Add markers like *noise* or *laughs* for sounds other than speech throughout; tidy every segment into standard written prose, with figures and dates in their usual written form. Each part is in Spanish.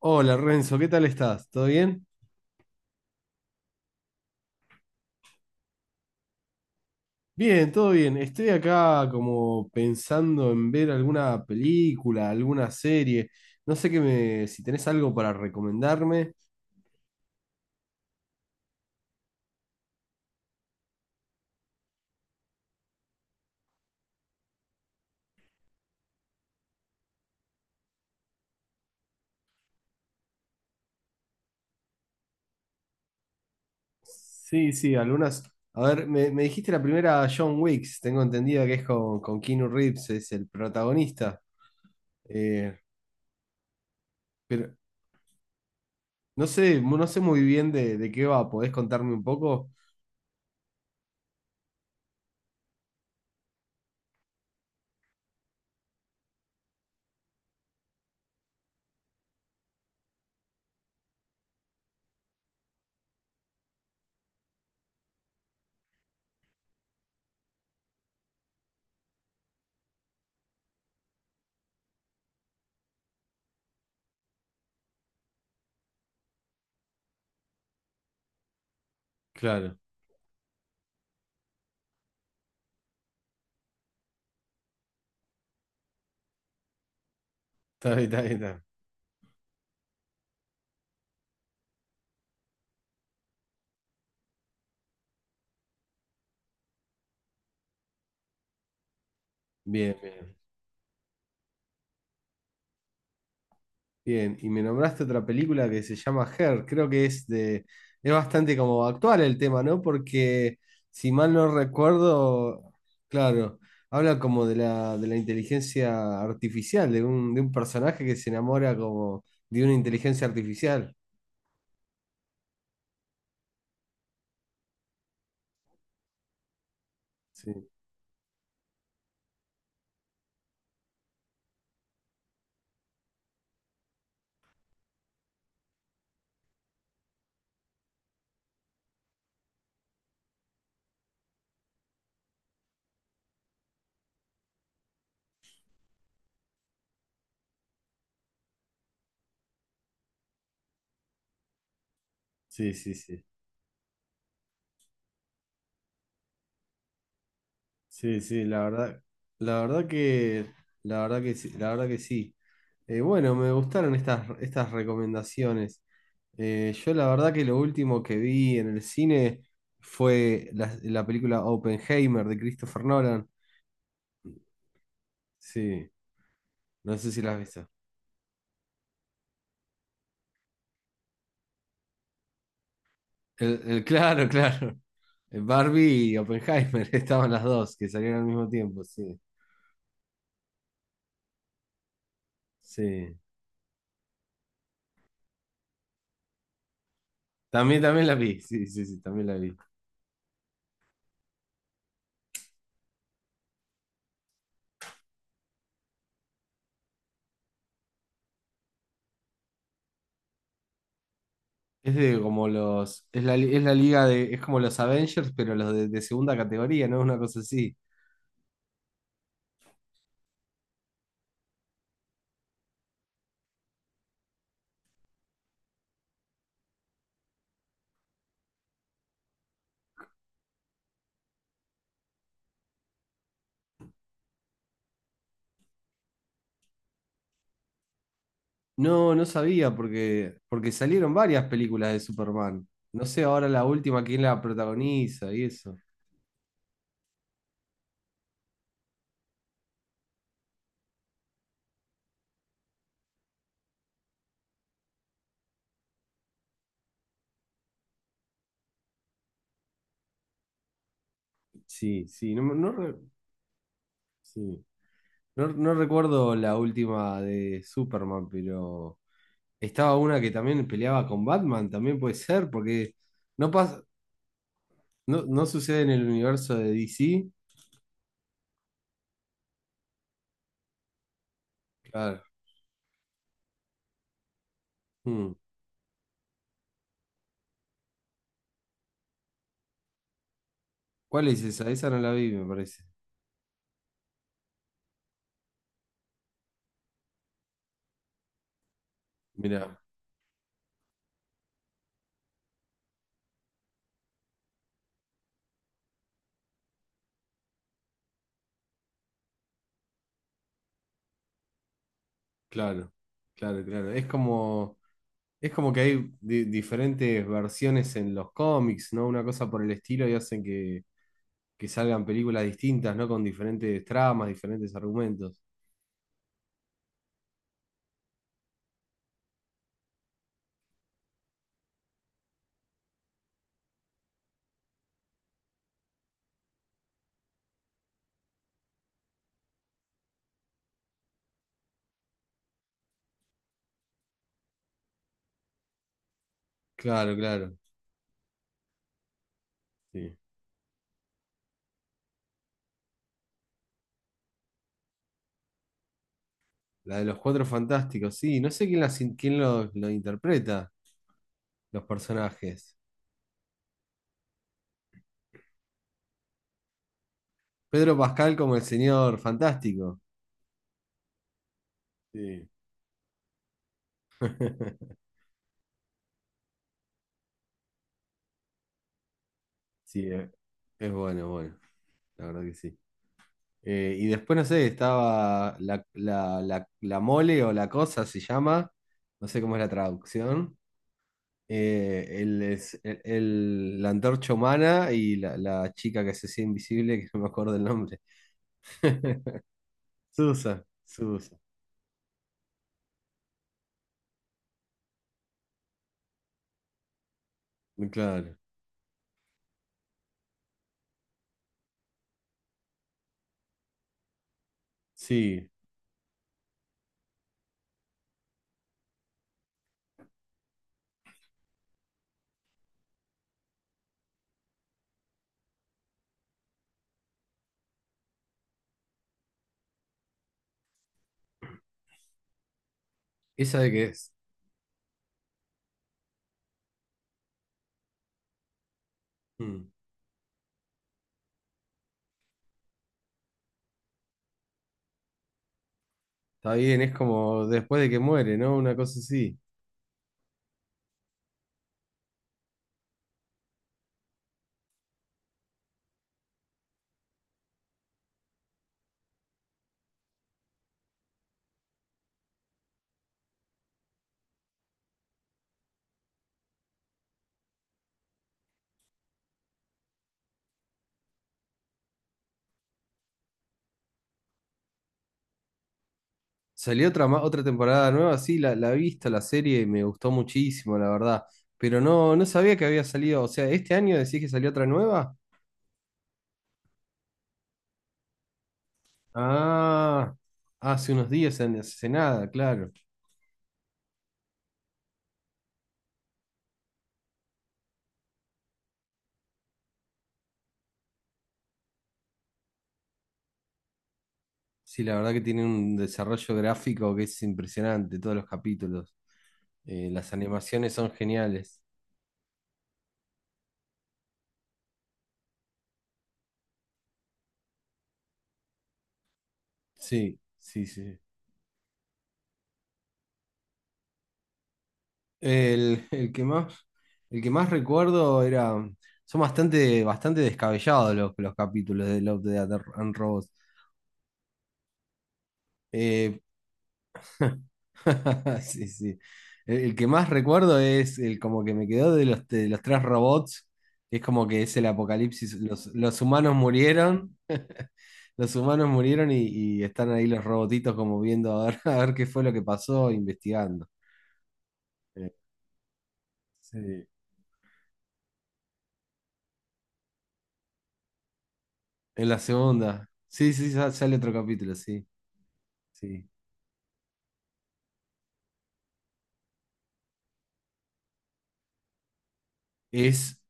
Hola Renzo, ¿qué tal estás? ¿Todo bien? Bien, todo bien. Estoy acá como pensando en ver alguna película, alguna serie. No sé si tenés algo para recomendarme. Sí, sí, algunas. A ver, me dijiste la primera John Wick, tengo entendido que es con Keanu Reeves, es el protagonista. Eh, pero no sé, no sé muy bien de qué va. ¿Podés contarme un poco? Claro, está bien, está bien, está bien. Bien, bien. Bien, y me nombraste otra película que se llama Her, creo que es de, es bastante como actual el tema, ¿no? Porque si mal no recuerdo, claro, habla como de de la inteligencia artificial, de de un personaje que se enamora como de una inteligencia artificial. Sí, sí, sí, sí. Sí, sí, la verdad que, la verdad que sí, la verdad que sí. Bueno, me gustaron estas, estas recomendaciones. Yo la verdad que lo último que vi en el cine fue la película Oppenheimer de Christopher Nolan. Sí, no sé si la has visto. *laughs* Claro, claro. El Barbie y Oppenheimer *laughs* estaban las dos que salieron al mismo tiempo, sí. Sí. También, también la vi, sí, sí, sí, también la vi. Es de como los, es la liga de, es como los Avengers, pero los de segunda categoría, ¿no? Una cosa así. No, no sabía porque, porque salieron varias películas de Superman. No sé ahora la última quién la protagoniza y eso. Sí, sí, sí. No, no recuerdo la última de Superman, pero estaba una que también peleaba con Batman, también puede ser, porque no pasa, no, no sucede en el universo de DC. Claro. Mm. ¿Cuál es esa? Esa no la vi, me parece. Mirá. Claro, claro, claro. Es como que hay diferentes versiones en los cómics, ¿no? Una cosa por el estilo y hacen que salgan películas distintas, ¿no? Con diferentes tramas, diferentes argumentos. Claro, claro. Sí. La de los Cuatro Fantásticos, sí. No sé quién los, lo interpreta, los personajes. Pedro Pascal como el señor fantástico. Sí. *laughs* Sí, es bueno, bueno. La verdad que sí. Y después, no sé, estaba la mole o la cosa, se llama, no sé cómo es la traducción. El, es- el- La antorcha humana y la chica que se hacía invisible, que no me acuerdo el nombre. *laughs* Susa claro. Sí, esa de que es. Mm, está bien, es como después de que muere, ¿no? Una cosa así. Salió otra temporada nueva, sí, la he visto, la serie, y me gustó muchísimo, la verdad. Pero no, no sabía que había salido. O sea, ¿este año decís que salió otra nueva? Ah, hace unos días, hace nada, claro. Sí, la verdad que tiene un desarrollo gráfico que es impresionante, todos los capítulos. Las animaciones son geniales. Sí, sí, sí. El, el que más, el que más recuerdo era. Son bastante, bastante descabellados los capítulos de Love, Death and Robots. Eh, *laughs* sí, sí. El que más recuerdo es el como que me quedó de los tres robots, que es como que es el apocalipsis. Los humanos murieron y están ahí los robotitos como viendo a ver, *laughs* a ver qué fue lo que pasó, investigando. Eh, sí. En la segunda. Sí, sí, sale otro capítulo, sí, sí. Es,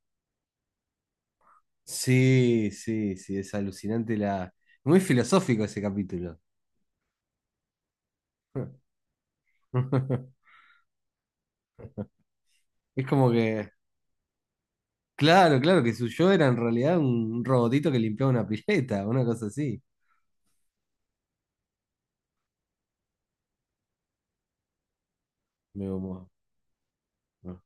sí, sí, sí, es alucinante la... Muy filosófico ese capítulo. *laughs* Es como que... Claro, claro, que su yo era en realidad un robotito que limpiaba una pileta, una cosa así. Me digo, "Buah, buah".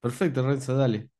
Perfecto, Renzo, dale.